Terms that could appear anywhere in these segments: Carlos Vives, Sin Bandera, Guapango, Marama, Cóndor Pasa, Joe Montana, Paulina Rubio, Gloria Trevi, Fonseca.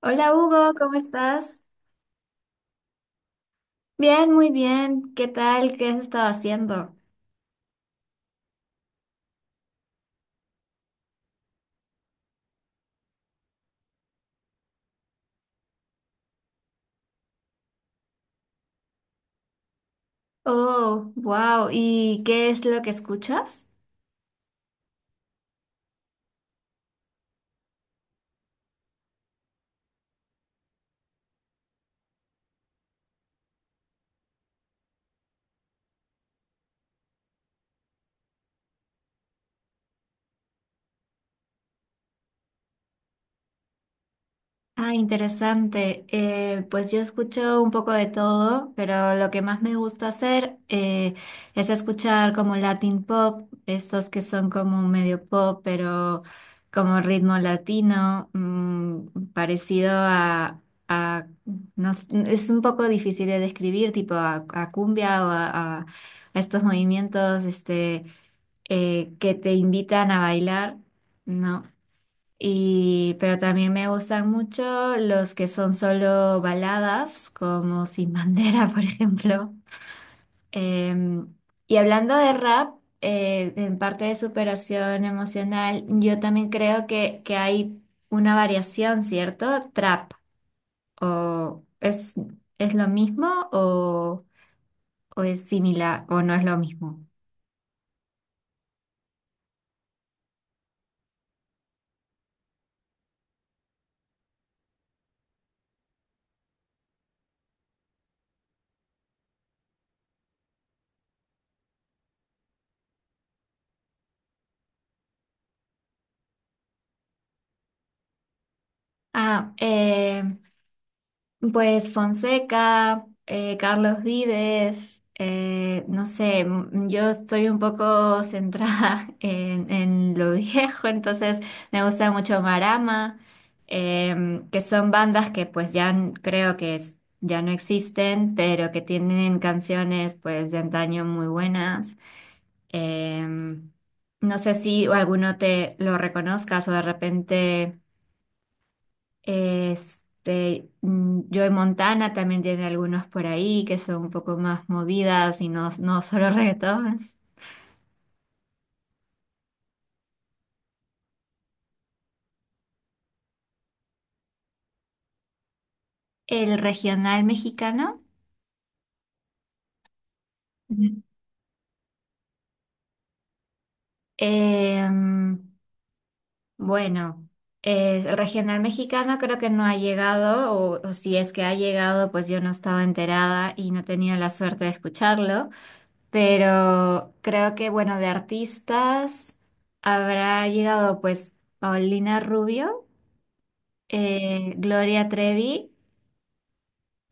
Hola Hugo, ¿cómo estás? Bien, muy bien. ¿Qué tal? ¿Qué has estado haciendo? Oh, wow. ¿Y qué es lo que escuchas? Ah, interesante. Pues yo escucho un poco de todo, pero lo que más me gusta hacer es escuchar como Latin pop, estos que son como medio pop, pero como ritmo latino, parecido a- no s- es un poco difícil de describir, tipo a cumbia o a estos movimientos que te invitan a bailar. No. Y, pero también me gustan mucho los que son solo baladas, como Sin Bandera, por ejemplo. Eh, y hablando de rap, en parte de superación emocional, yo también creo que hay una variación, ¿cierto? Trap, o es, es lo mismo o es similar o no es lo mismo. Ah, eh, Pues Fonseca, Carlos Vives, no sé, yo estoy un poco centrada en lo viejo, entonces me gusta mucho Marama, que son bandas que pues creo que ya no existen, pero que tienen canciones pues de antaño muy buenas. Em, no sé si alguno te lo reconozcas o de repente... Joe Montana también tiene algunos por ahí que son un poco más movidas y no, no solo reggaetón. El regional mexicano. Ujú. Em, bueno, el regional mexicano creo que no ha llegado, o si es que ha llegado, pues yo no estaba enterada y no tenía la suerte de escucharlo, pero creo que, bueno, de artistas habrá llegado pues Paulina Rubio. Eh, Gloria Trevi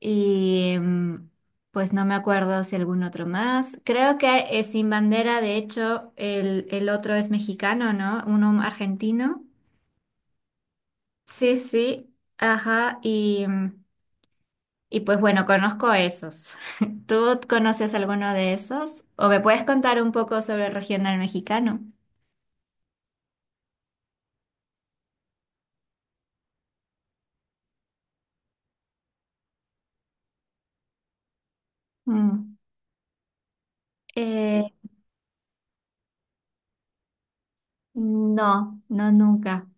y pues no me acuerdo si algún otro más. Creo que Sin Bandera, de hecho, el otro es mexicano, ¿no? Uno argentino. Sí, sí, ajá. Y pues bueno, conozco esos. ¿Tú conoces alguno de esos? ¿O me puedes contar un poco sobre el regional mexicano? Mm. Eh, no, no nunca.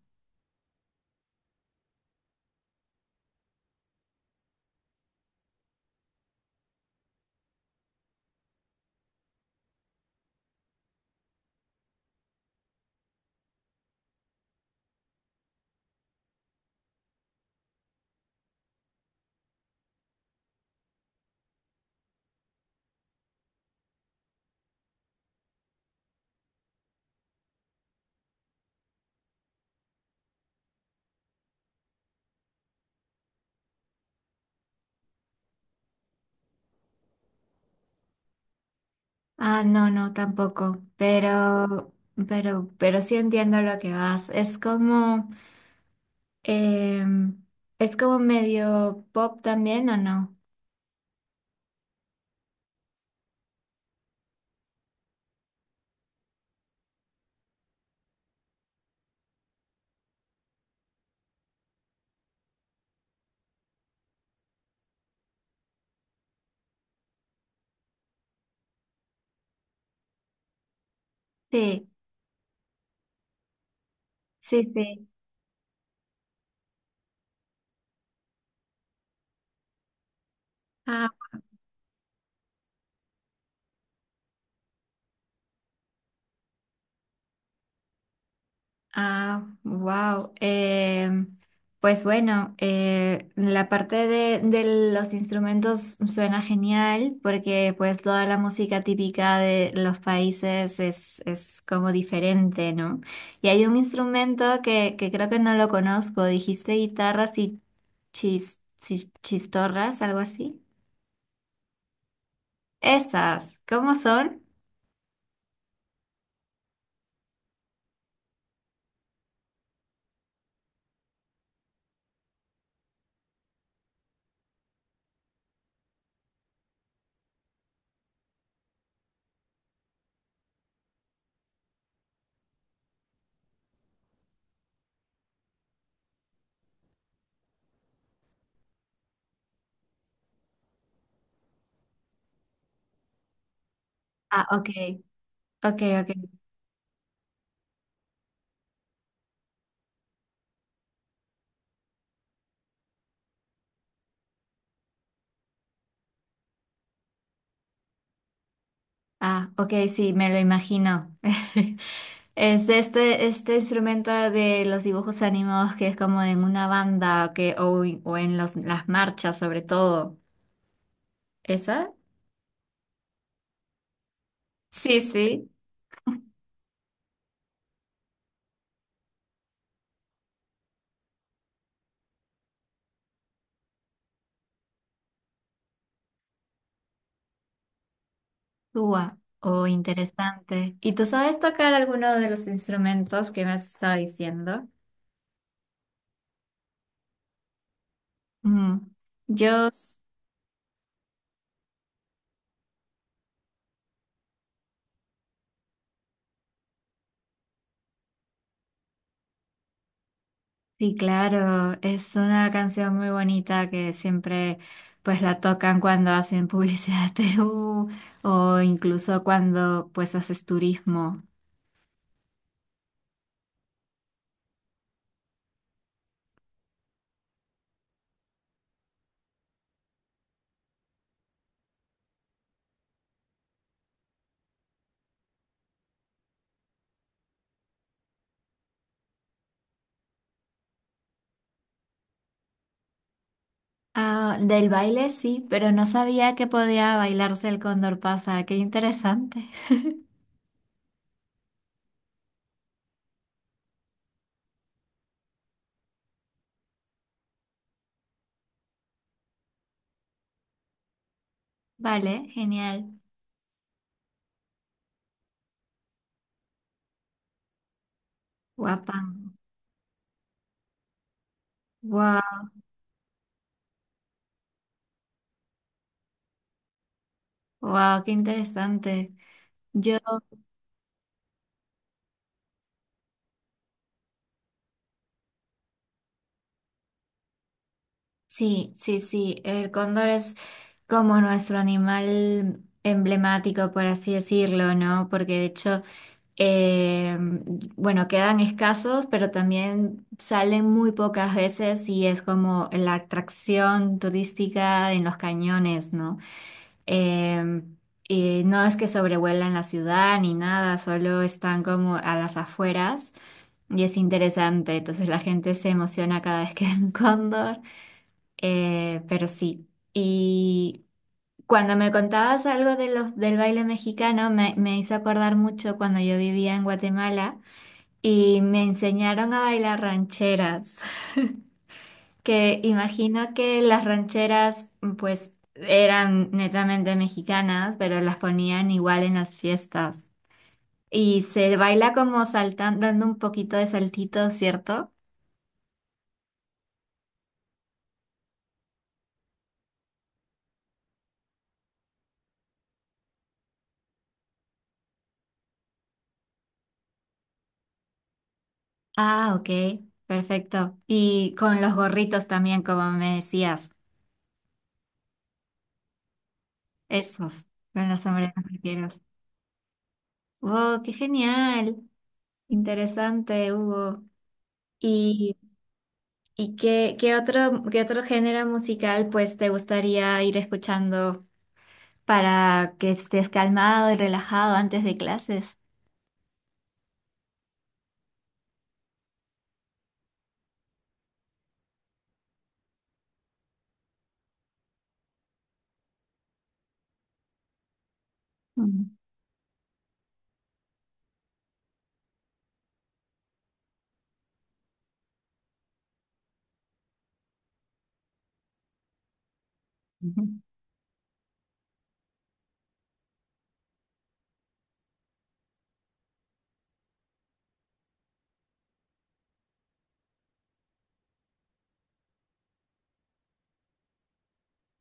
Ah, no, no, tampoco. Pero sí entiendo lo que vas. Es como, em, es como medio pop también, ¿o no? Sí, sí, sí. Ah, wow. Pues bueno, la parte de los instrumentos suena genial porque pues toda la música típica de los países es como diferente, ¿no? Y hay un instrumento que creo que no lo conozco, dijiste guitarras y chistorras, algo así. Esas, ¿cómo son? Ah, ok, ok, ok. Ah, ok, sí, me lo imagino. Es de este instrumento de los dibujos animados que es como en una banda que, o en los, las marchas sobre todo. ¿Esa? Sí, sí. Ua, oh, interesante. ¿Y tú sabes tocar alguno de los instrumentos que me has estado diciendo? Mm, Yo, s- sí, claro, es una canción muy bonita que siempre pues la tocan cuando hacen publicidad de Perú o incluso cuando pues haces turismo. Ah, del baile sí, pero no sabía que podía bailarse el cóndor pasa. Qué interesante. Vale, genial. Guapango. Wow, wow, qué interesante. Yo, sí, sí, sí. El cóndor es como nuestro animal emblemático, por así decirlo, ¿no? Porque de hecho. Eh, bueno, quedan escasos, pero también salen muy pocas veces y es como la atracción turística en los cañones, ¿no? Eh, y no es que sobrevuelan la ciudad ni nada, solo están como a las afueras y es interesante. Entonces la gente se emociona cada vez que ve un cóndor. Pero sí. Y cuando me contabas algo de del baile mexicano, me hizo acordar mucho cuando yo vivía en Guatemala y me enseñaron a bailar rancheras que imagino que las rancheras pues eran netamente mexicanas, pero las ponían igual en las fiestas. Y se baila como saltando, dando un poquito de saltito, ¿cierto? Ah, ok, perfecto. Y con los gorritos también, como me decías, esos, con los sombreros vaqueros. ¡Wow, qué genial! Interesante, Hugo. ¿Y, y qué, qué otro género musical pues te gustaría ir escuchando para que estés calmado y relajado antes de clases? Mm. Ujú.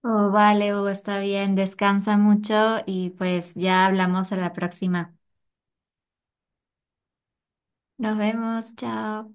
Oh, vale, Hugo, está bien, descansa mucho y pues ya hablamos a la próxima. Nos vemos, chao.